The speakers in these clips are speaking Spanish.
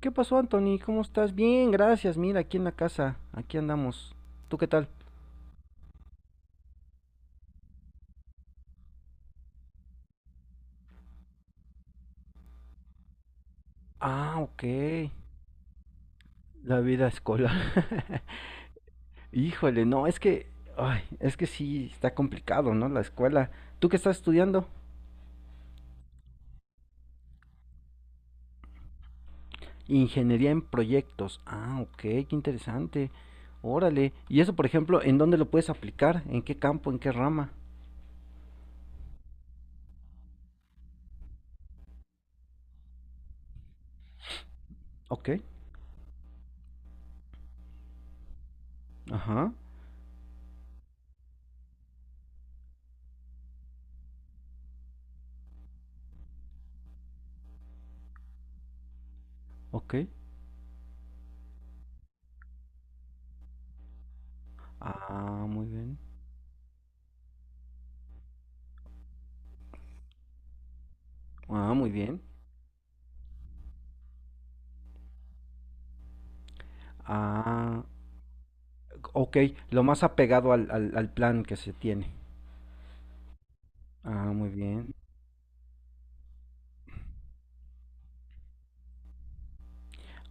¿Qué pasó, Anthony? ¿Cómo estás? Bien, gracias. Mira, aquí en la casa. Aquí andamos. ¿Tú qué tal? Ah, ok. La vida escolar. Híjole, no, es que, ay, es que sí está complicado, ¿no? La escuela. ¿Tú qué estás estudiando? Ingeniería en proyectos. Ah, ok, qué interesante. Órale. ¿Y eso, por ejemplo, en dónde lo puedes aplicar? ¿En qué campo? ¿En qué rama? Ok. Ajá. Ok. Ah, muy bien. Ah, muy bien. Ah, ok, lo más apegado al plan que se tiene. Ah, muy bien.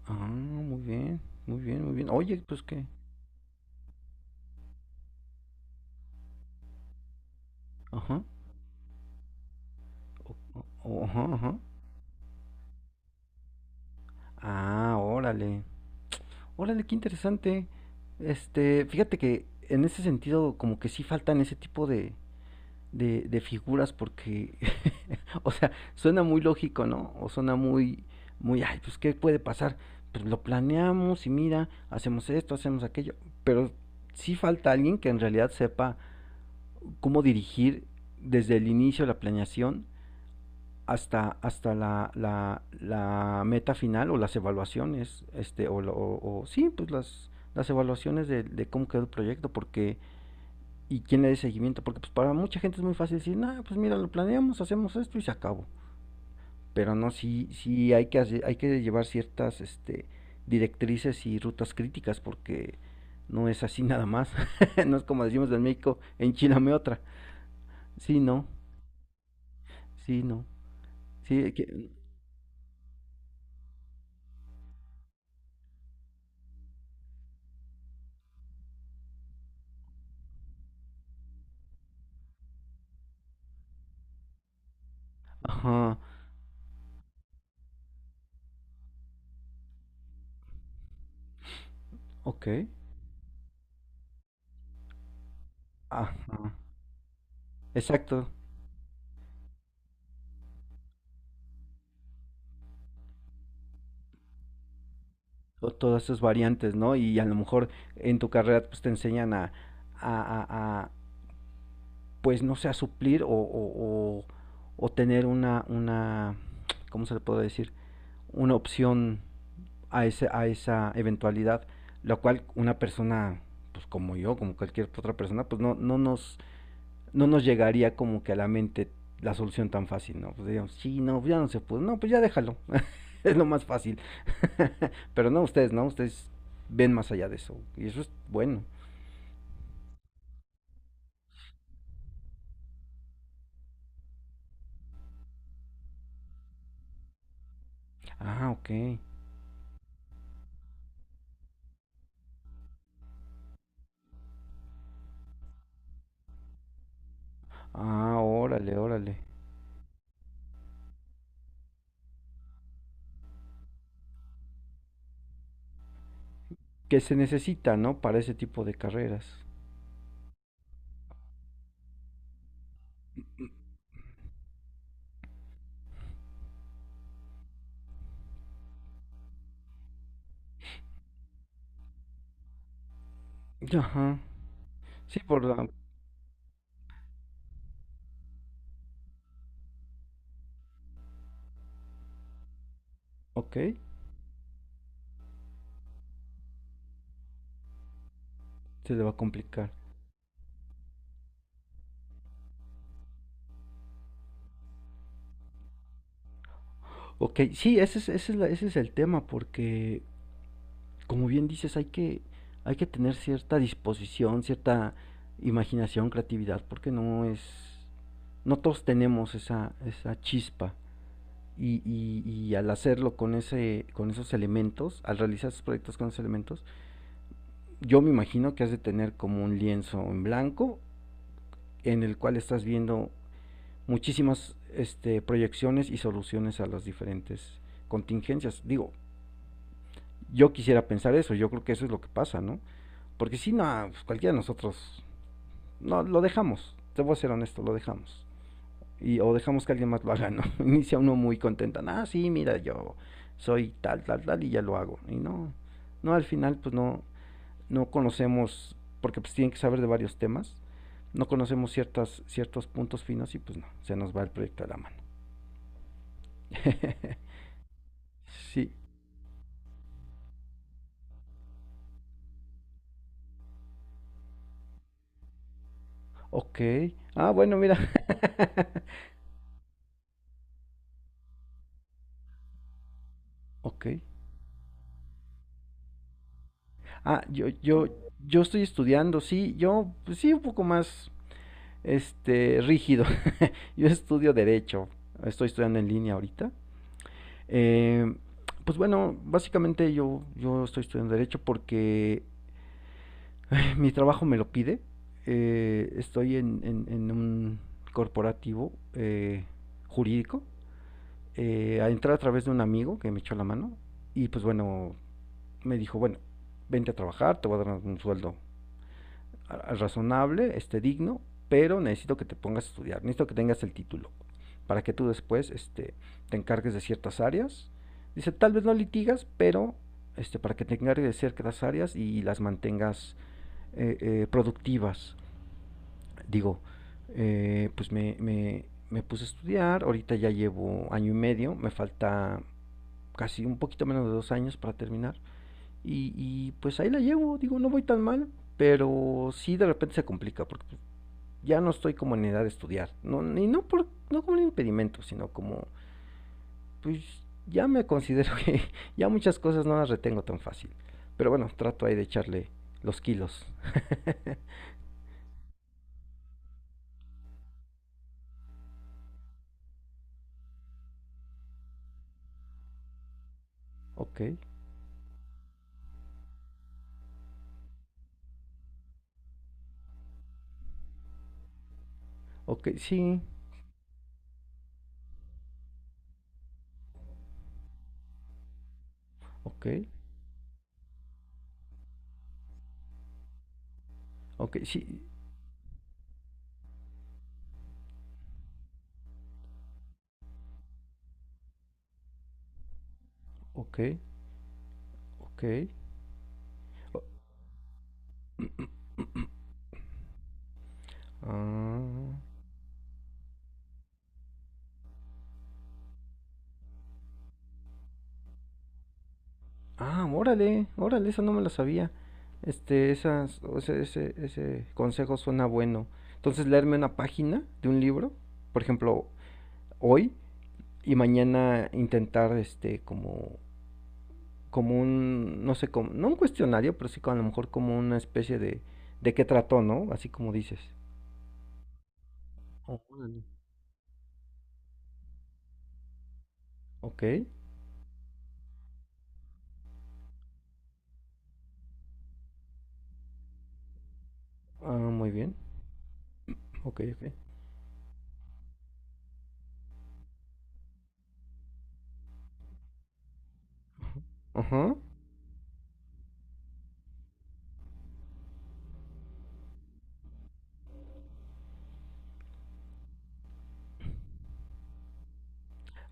Ah, muy bien. Muy bien, muy bien. Oye, pues qué. Ajá. o- Ajá, ajá. Ah, órale. Órale, qué interesante. Este, fíjate que en ese sentido como que sí faltan ese tipo de figuras porque, o sea, suena muy lógico, ¿no? O suena muy, muy, ay, pues, ¿qué puede pasar? Pues lo planeamos y mira, hacemos esto, hacemos aquello, pero sí falta alguien que en realidad sepa cómo dirigir desde el inicio de la planeación hasta, hasta la meta final o las evaluaciones, este, o sí, pues las evaluaciones cómo quedó el proyecto, porque y quién le dé seguimiento, porque pues para mucha gente es muy fácil decir, no, nah, pues mira, lo planeamos, hacemos esto y se acabó. Pero no, sí, sí hay que llevar ciertas este, directrices y rutas críticas, porque no es así nada más. No es como decimos en México, enchilame otra. Sí, no, sí, no. Sí, ajá, ok, ajá, exacto. O todas esas variantes, ¿no? Y a lo mejor en tu carrera pues te enseñan a, pues no sea suplir o tener ¿cómo se le puede decir? Una opción a, ese, a esa eventualidad, la cual una persona, pues como yo, como cualquier otra persona, pues no nos llegaría como que a la mente la solución tan fácil, ¿no? Pues digamos, sí, no, ya no se puede, no, pues ya déjalo, es lo más fácil. Pero no, ustedes, ¿no? Ustedes ven más allá de eso, y eso es bueno. Ah, ok. Ah, órale, órale. Que se necesita, ¿no? Para ese tipo de carreras. Ajá. Sí, por la... Ok, se le va a complicar. Ok, sí, ese es el tema, porque como bien dices, hay que tener cierta disposición, cierta imaginación, creatividad, porque no es... No todos tenemos esa, esa chispa. Y al hacerlo con, ese, con esos elementos, al realizar esos proyectos con esos elementos, yo me imagino que has de tener como un lienzo en blanco en el cual estás viendo muchísimas este, proyecciones y soluciones a las diferentes contingencias. Digo, yo quisiera pensar eso, yo creo que eso es lo que pasa, ¿no? Porque si no, pues cualquiera de nosotros, no, lo dejamos, te voy a ser honesto, lo dejamos. Y, o dejamos que alguien más lo haga, ¿no? Inicia uno muy contenta, ah, sí, mira, yo soy tal, tal, tal, y ya lo hago. Y no, no, al final, pues no, no conocemos, porque pues tienen que saber de varios temas, no conocemos ciertas, ciertos puntos finos y pues no, se nos va el proyecto a la mano. Sí, ok. Ah, bueno, mira. Ok. Ah, yo estoy estudiando, sí, yo, pues sí, un poco más, este, rígido. Yo estudio derecho, estoy estudiando en línea ahorita. Eh, pues bueno, básicamente yo estoy estudiando derecho porque mi trabajo me lo pide. Estoy en un corporativo jurídico. Entré a través de un amigo que me echó la mano. Y pues bueno, me dijo, bueno, vente a trabajar, te voy a dar un sueldo razonable, este digno, pero necesito que te pongas a estudiar, necesito que tengas el título, para que tú después este, te encargues de ciertas áreas. Dice, tal vez no litigas, pero este, para que te encargues de ciertas áreas y las mantengas productivas. Digo, pues me puse a estudiar, ahorita ya llevo año y medio, me falta casi un poquito menos de dos años para terminar. Y pues ahí la llevo, digo, no voy tan mal, pero sí de repente se complica, porque ya no estoy como en edad de estudiar, no, y no, por, no como un impedimento, sino como, pues ya me considero que ya muchas cosas no las retengo tan fácil, pero bueno, trato ahí de echarle los kilos. Ok, ok, sí, ok, ok, sí, ok, ok. Ah, ah, órale, órale, eso no me lo sabía. Este, esas, o sea, ese consejo suena bueno. Entonces, leerme una página de un libro, por ejemplo, hoy y mañana intentar, este, como, como un, no sé, como, no un cuestionario, pero sí como a lo mejor como una especie de qué trató, ¿no? Así como dices. Órale. Ok, ah, muy bien, ok, ok. Ajá,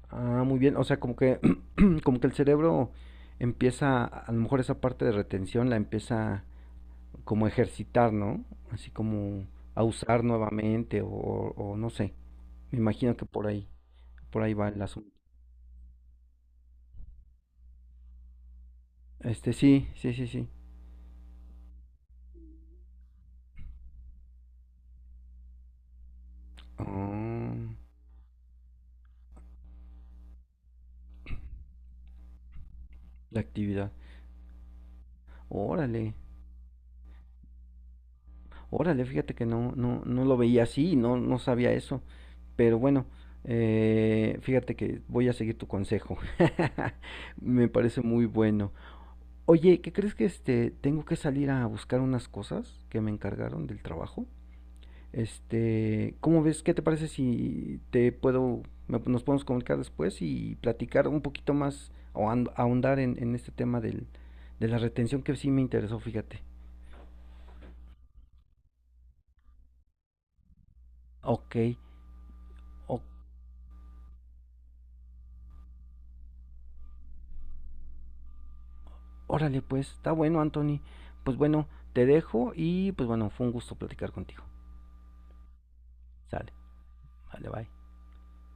ah, muy bien. O sea, como que, como que el cerebro empieza, a lo mejor esa parte de retención la empieza como a ejercitar, ¿no? Así como a usar nuevamente o no sé. Me imagino que por ahí va el asunto. Este, sí, sí, sí, sí. Ah, la actividad. Órale, órale, fíjate que no, no, no lo veía así, no, no sabía eso. Pero bueno, fíjate que voy a seguir tu consejo. Me parece muy bueno. Oye, ¿qué crees que este tengo que salir a buscar unas cosas que me encargaron del trabajo? Este, ¿cómo ves? ¿Qué te parece si te puedo, nos podemos comunicar después y platicar un poquito más o ahondar en este tema del, de la retención que sí me interesó, fíjate. Ok, o- órale pues, está bueno, Anthony. Pues bueno, te dejo y pues bueno, fue un gusto platicar contigo. Sale, vale, bye.